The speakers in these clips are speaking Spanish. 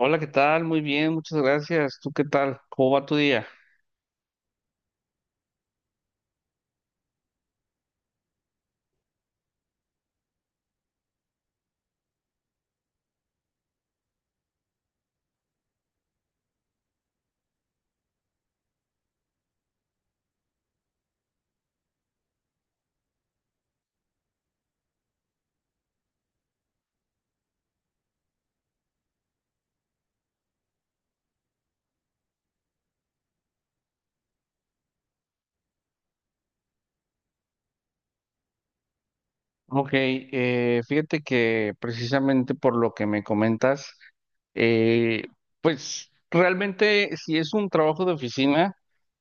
Hola, ¿qué tal? Muy bien, muchas gracias. ¿Tú qué tal? ¿Cómo va tu día? Ok, fíjate que precisamente por lo que me comentas, eh, pues realmente si es un trabajo de oficina,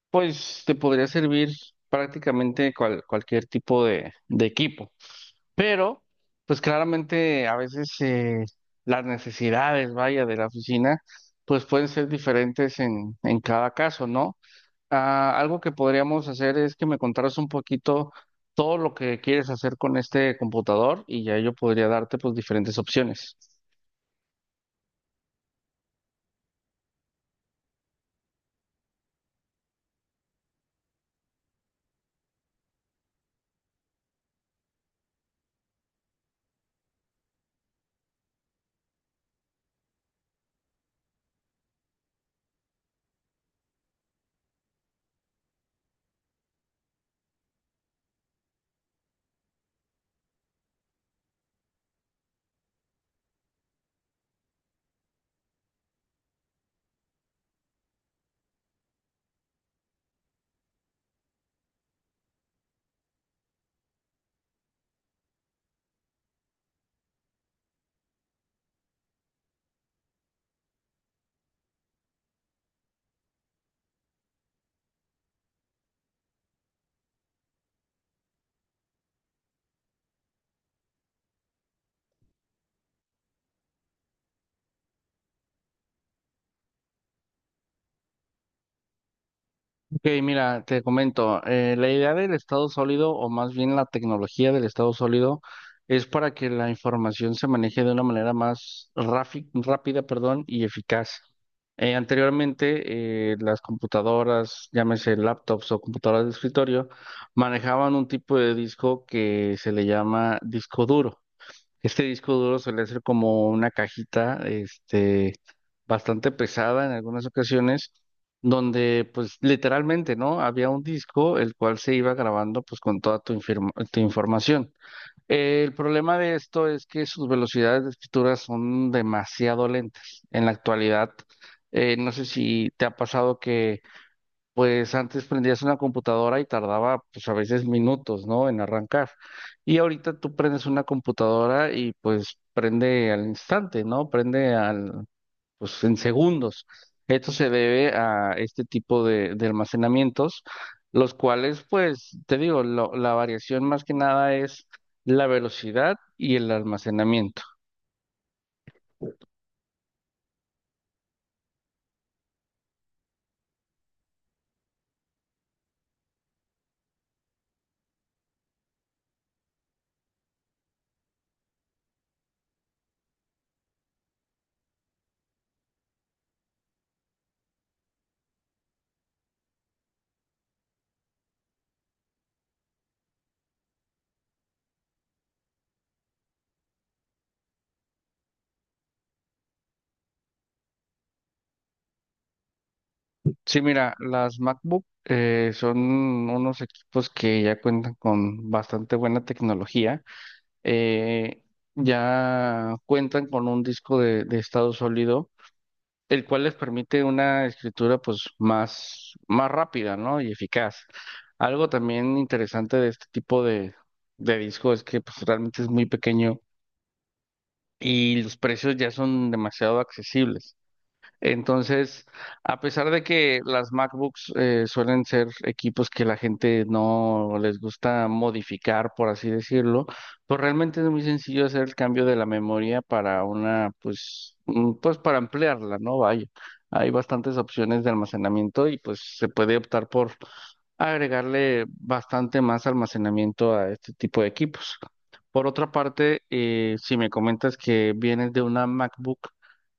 pues te podría servir prácticamente cualquier tipo de equipo. Pero, pues claramente a veces las necesidades, vaya, de la oficina, pues pueden ser diferentes en cada caso, ¿no? Ah, algo que podríamos hacer es que me contaras un poquito todo lo que quieres hacer con este computador y ya yo podría darte pues diferentes opciones. Ok, mira, te comento, la idea del estado sólido, o más bien la tecnología del estado sólido, es para que la información se maneje de una manera más rápida, perdón, y eficaz. Anteriormente, las computadoras, llámese laptops o computadoras de escritorio, manejaban un tipo de disco que se le llama disco duro. Este disco duro suele ser como una cajita, este, bastante pesada en algunas ocasiones, donde pues literalmente, ¿no? Había un disco el cual se iba grabando pues con toda tu información. El problema de esto es que sus velocidades de escritura son demasiado lentas. En la actualidad, no sé si te ha pasado que pues antes prendías una computadora y tardaba pues a veces minutos, ¿no? En arrancar. Y ahorita tú prendes una computadora y pues prende al instante, ¿no? Prende al, pues en segundos. Esto se debe a este tipo de almacenamientos, los cuales pues te digo, la variación más que nada es la velocidad y el almacenamiento. Sí, mira, las MacBook son unos equipos que ya cuentan con bastante buena tecnología, eh, ya cuentan con un disco de estado sólido, el cual les permite una escritura pues más, más rápida, ¿no? Y eficaz. Algo también interesante de este tipo de disco es que pues realmente es muy pequeño y los precios ya son demasiado accesibles. Entonces, a pesar de que las MacBooks suelen ser equipos que la gente no les gusta modificar, por así decirlo, pues realmente es muy sencillo hacer el cambio de la memoria para una, pues, pues para ampliarla, ¿no? Vaya, hay bastantes opciones de almacenamiento y pues se puede optar por agregarle bastante más almacenamiento a este tipo de equipos. Por otra parte, si me comentas que vienes de una MacBook,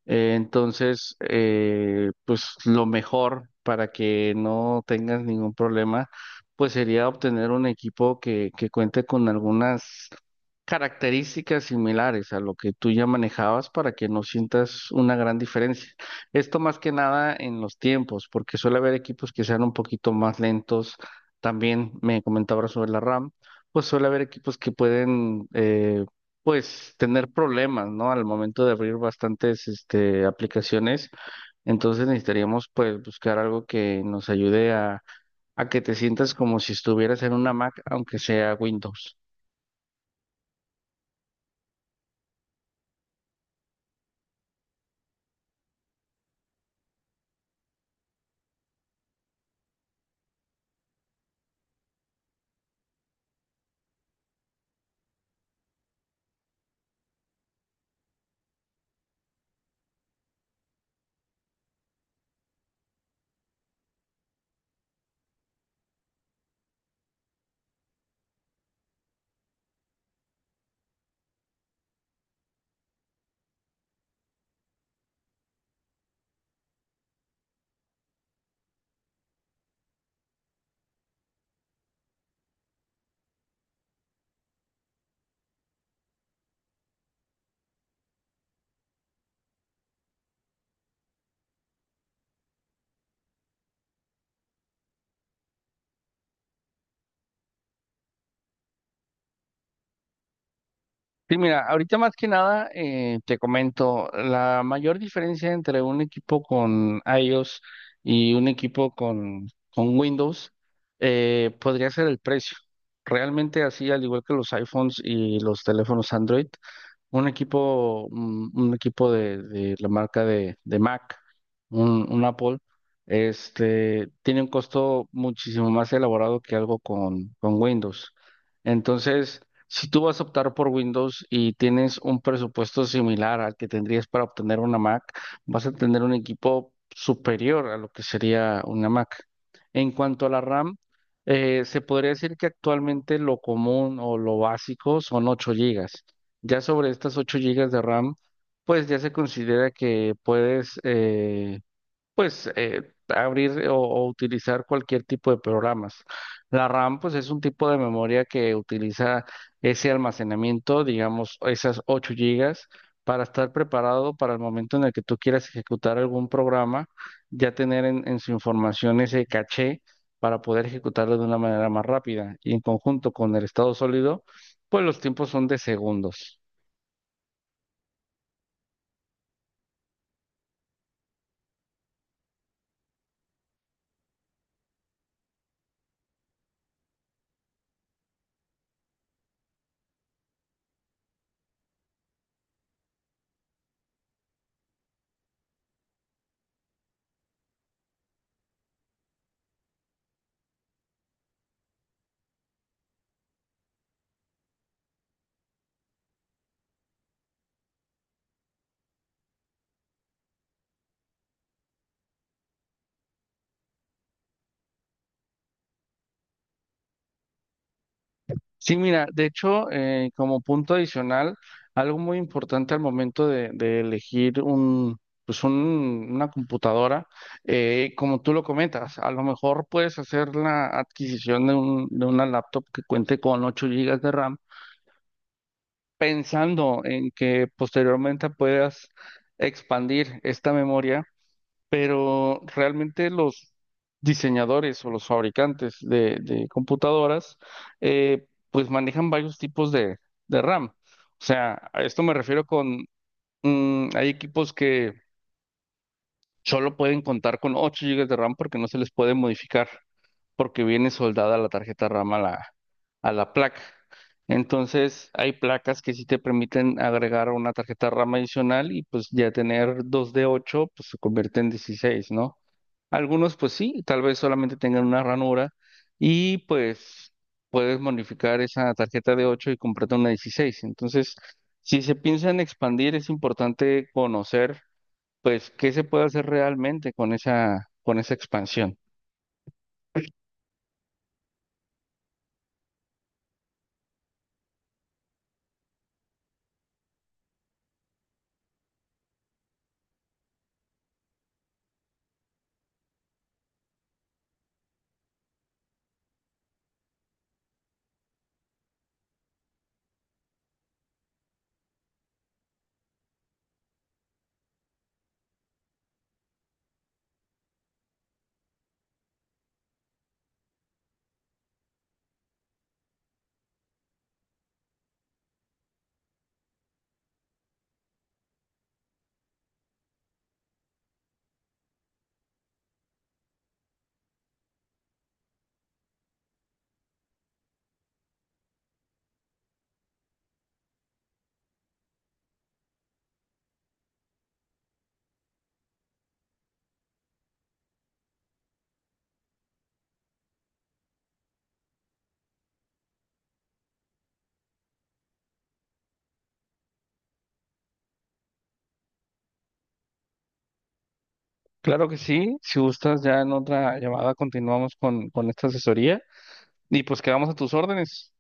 entonces, pues lo mejor para que no tengas ningún problema, pues sería obtener un equipo que cuente con algunas características similares a lo que tú ya manejabas para que no sientas una gran diferencia. Esto más que nada en los tiempos, porque suele haber equipos que sean un poquito más lentos. También me comentaba sobre la RAM, pues suele haber equipos que pueden, pues, tener problemas, ¿no? Al momento de abrir bastantes, este, aplicaciones. Entonces necesitaríamos, pues, buscar algo que nos ayude a que te sientas como si estuvieras en una Mac, aunque sea Windows. Sí, mira, ahorita más que nada te comento, la mayor diferencia entre un equipo con iOS y un equipo con Windows podría ser el precio. Realmente así, al igual que los iPhones y los teléfonos Android, un equipo de la marca de Mac, un Apple, este, tiene un costo muchísimo más elaborado que algo con Windows. Entonces, si tú vas a optar por Windows y tienes un presupuesto similar al que tendrías para obtener una Mac, vas a tener un equipo superior a lo que sería una Mac. En cuanto a la RAM, se podría decir que actualmente lo común o lo básico son 8 GB. Ya sobre estas 8 GB de RAM, pues ya se considera que puedes, pues abrir o utilizar cualquier tipo de programas. La RAM, pues es un tipo de memoria que utiliza ese almacenamiento, digamos, esas 8 GB, para estar preparado para el momento en el que tú quieras ejecutar algún programa, ya tener en su información ese caché para poder ejecutarlo de una manera más rápida. Y en conjunto con el estado sólido, pues los tiempos son de segundos. Sí, mira, de hecho, como punto adicional, algo muy importante al momento de elegir pues una computadora, como tú lo comentas, a lo mejor puedes hacer la adquisición de de una laptop que cuente con 8 GB de RAM, pensando en que posteriormente puedas expandir esta memoria, pero realmente los diseñadores o los fabricantes de computadoras, pues manejan varios tipos de RAM. O sea, a esto me refiero con, hay equipos que solo pueden contar con 8 GB de RAM porque no se les puede modificar, porque viene soldada la tarjeta RAM a la placa. Entonces, hay placas que sí te permiten agregar una tarjeta RAM adicional y pues ya tener 2 de 8 pues se convierte en 16, ¿no? Algunos, pues sí, tal vez solamente tengan una ranura y pues puedes modificar esa tarjeta de 8 y comprarte una 16. Entonces, si se piensa en expandir, es importante conocer, pues, qué se puede hacer realmente con esa expansión. Claro que sí, si gustas, ya en otra llamada continuamos con esta asesoría y pues quedamos a tus órdenes.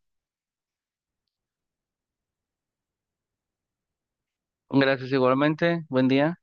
Gracias igualmente, buen día.